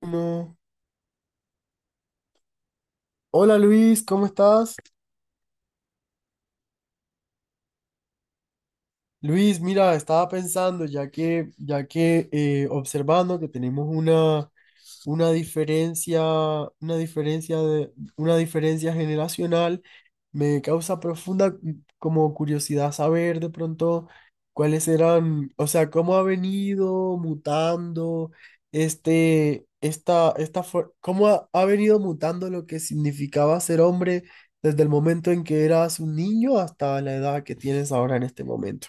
Bueno, hola Luis, ¿cómo estás? Luis, mira, estaba pensando, ya que observando que tenemos una diferencia, una diferencia generacional. Me causa profunda como curiosidad saber de pronto cuáles eran, o sea, cómo ha venido mutando cómo ha venido mutando lo que significaba ser hombre desde el momento en que eras un niño hasta la edad que tienes ahora en este momento.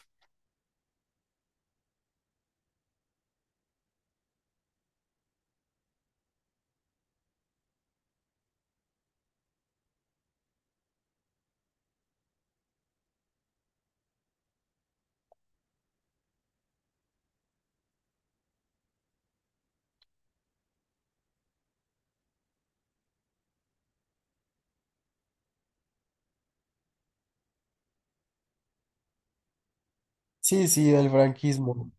Sí, sí, del franquismo,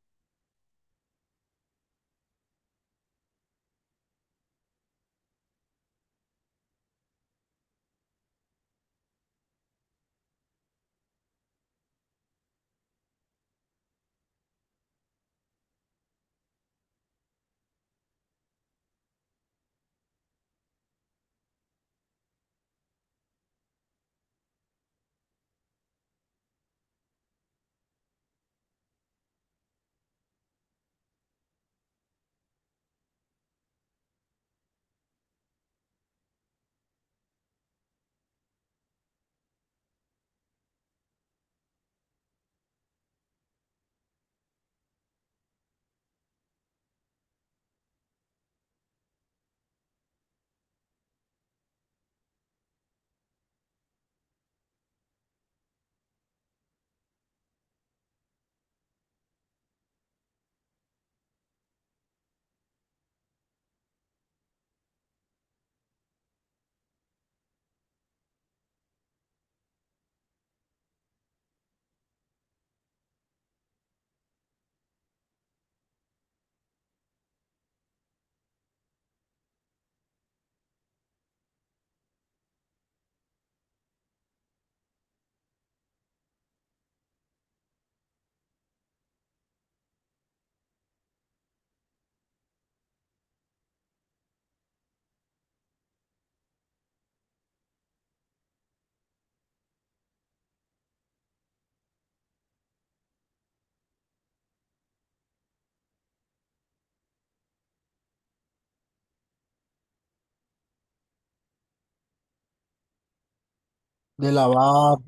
de la VAP.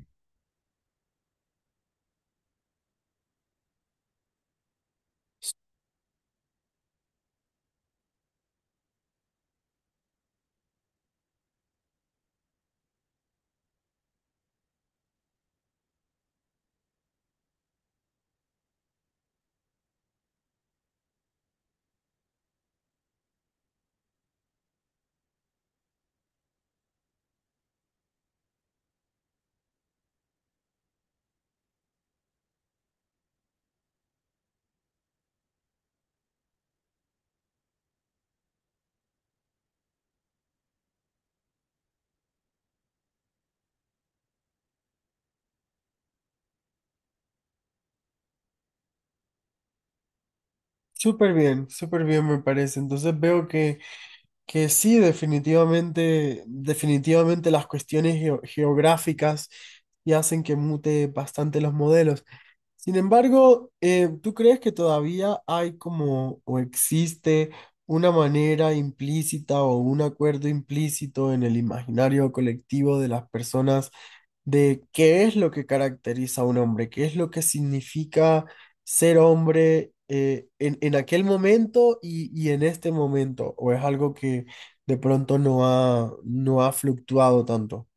Súper bien me parece. Entonces veo que sí, definitivamente, definitivamente las cuestiones geográficas y hacen que mute bastante los modelos. Sin embargo, ¿tú crees que todavía hay como o existe una manera implícita o un acuerdo implícito en el imaginario colectivo de las personas de qué es lo que caracteriza a un hombre, qué es lo que significa ser hombre en aquel momento y en este momento, o es algo que de pronto no ha fluctuado tanto?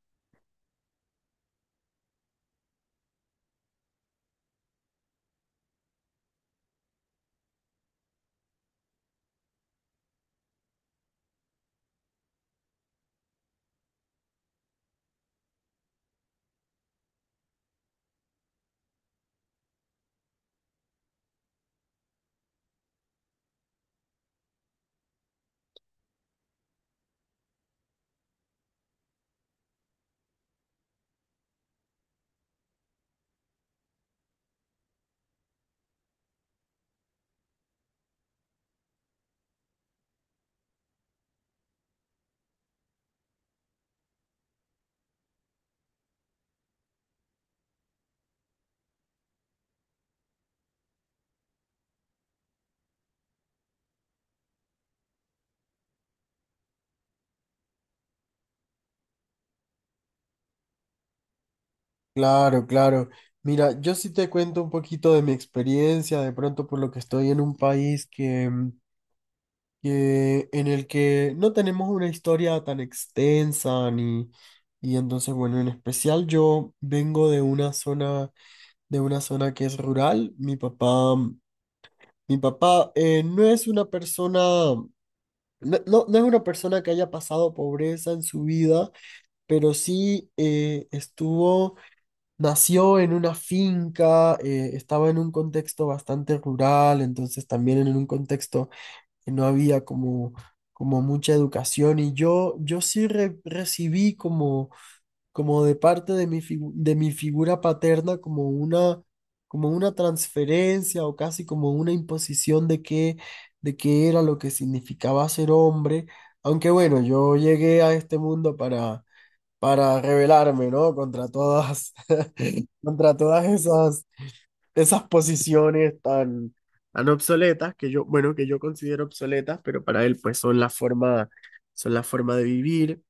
Claro, claro. Mira, yo sí te cuento un poquito de mi experiencia, de pronto por lo que estoy en un país en el que no tenemos una historia tan extensa ni. Y entonces, bueno, en especial yo vengo de una zona, de una zona que es rural. Mi papá no es una persona, no es una persona que haya pasado pobreza en su vida, pero sí estuvo, nació en una finca. Estaba en un contexto bastante rural, entonces también en un contexto que no había como, como mucha educación. Y yo sí recibí como, como de parte de de mi figura paterna, como una transferencia o casi como una imposición de qué era lo que significaba ser hombre. Aunque bueno, yo llegué a este mundo para rebelarme, ¿no? Contra todas, contra todas esas, esas posiciones tan, tan obsoletas que yo, bueno, que yo considero obsoletas, pero para él pues son la forma de vivir.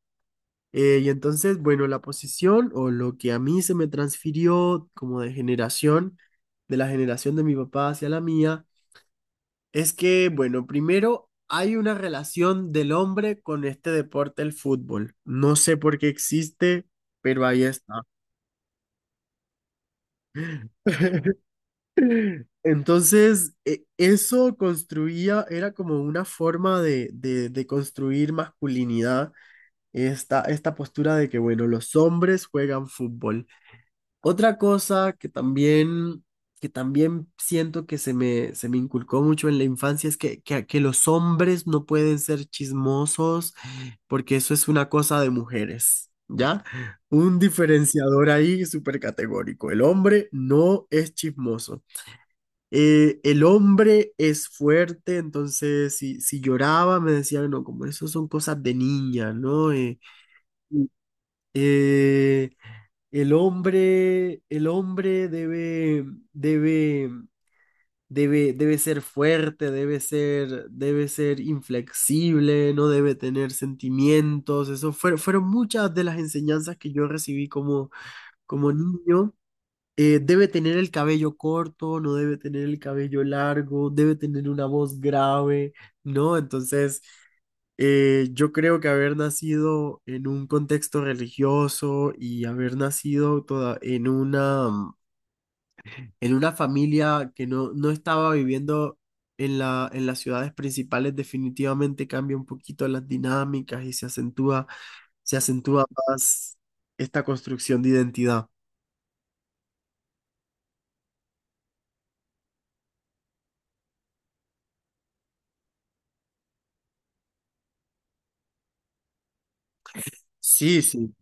Y entonces, bueno, la posición o lo que a mí se me transfirió como de generación, de la generación de mi papá hacia la mía, es que, bueno, primero hay una relación del hombre con este deporte, el fútbol. No sé por qué existe, pero ahí está. Entonces, eso construía, era como una forma de construir masculinidad, esta postura de que, bueno, los hombres juegan fútbol. Otra cosa que también siento que se me inculcó mucho en la infancia es que los hombres no pueden ser chismosos porque eso es una cosa de mujeres, ¿ya? Un diferenciador ahí súper categórico. El hombre no es chismoso. El hombre es fuerte, entonces si lloraba me decían, no, como eso son cosas de niña, ¿no? Eh, el hombre debe, debe ser fuerte, debe ser inflexible, no debe tener sentimientos. Fueron muchas de las enseñanzas que yo recibí como, como niño. Debe tener el cabello corto, no debe tener el cabello largo, debe tener una voz grave, ¿no? Entonces... Yo creo que haber nacido en un contexto religioso y haber nacido toda en una, en una familia que no estaba viviendo en las ciudades principales definitivamente cambia un poquito las dinámicas y se acentúa más esta construcción de identidad. Sí, sí,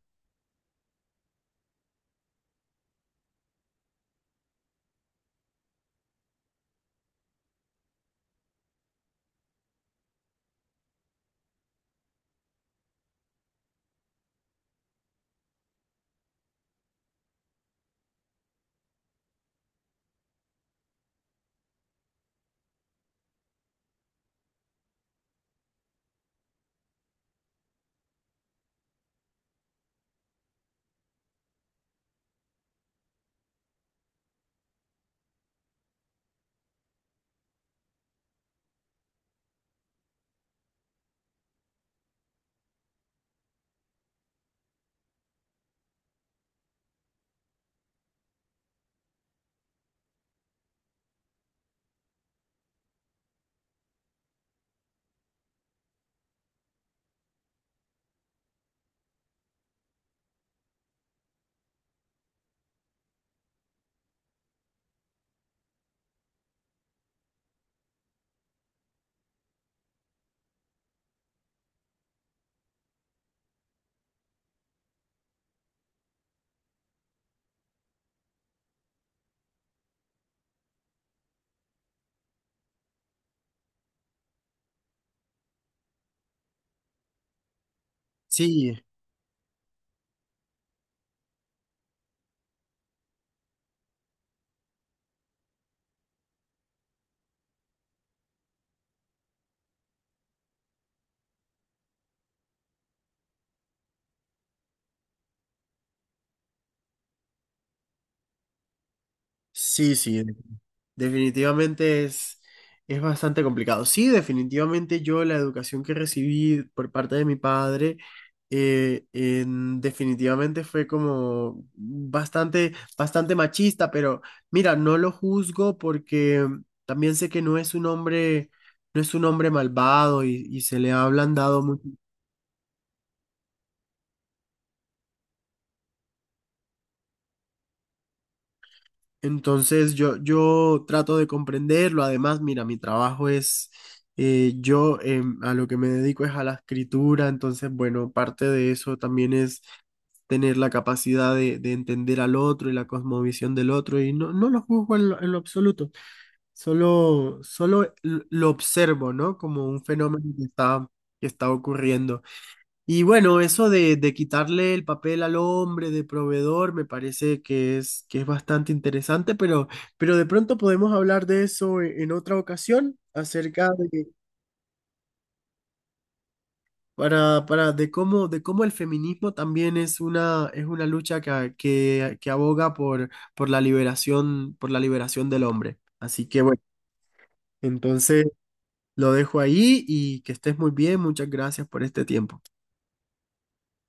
sí, sí, sí. Definitivamente es bastante complicado. Sí, definitivamente yo la educación que recibí por parte de mi padre definitivamente fue como bastante, bastante machista, pero mira, no lo juzgo porque también sé que no es un hombre, no es un hombre malvado, y se le ha ablandado. Entonces yo trato de comprenderlo. Además, mira, mi trabajo es, yo a lo que me dedico es a la escritura. Entonces, bueno, parte de eso también es tener la capacidad de entender al otro y la cosmovisión del otro. Y no, no lo juzgo en lo absoluto. Solo, solo lo observo, ¿no? Como un fenómeno que está ocurriendo. Y bueno, eso de quitarle el papel al hombre de proveedor me parece que es bastante interesante, pero de pronto podemos hablar de eso en otra ocasión, acerca de, para, de cómo el feminismo también es una lucha que aboga por la liberación del hombre. Así que bueno, entonces lo dejo ahí y que estés muy bien. Muchas gracias por este tiempo.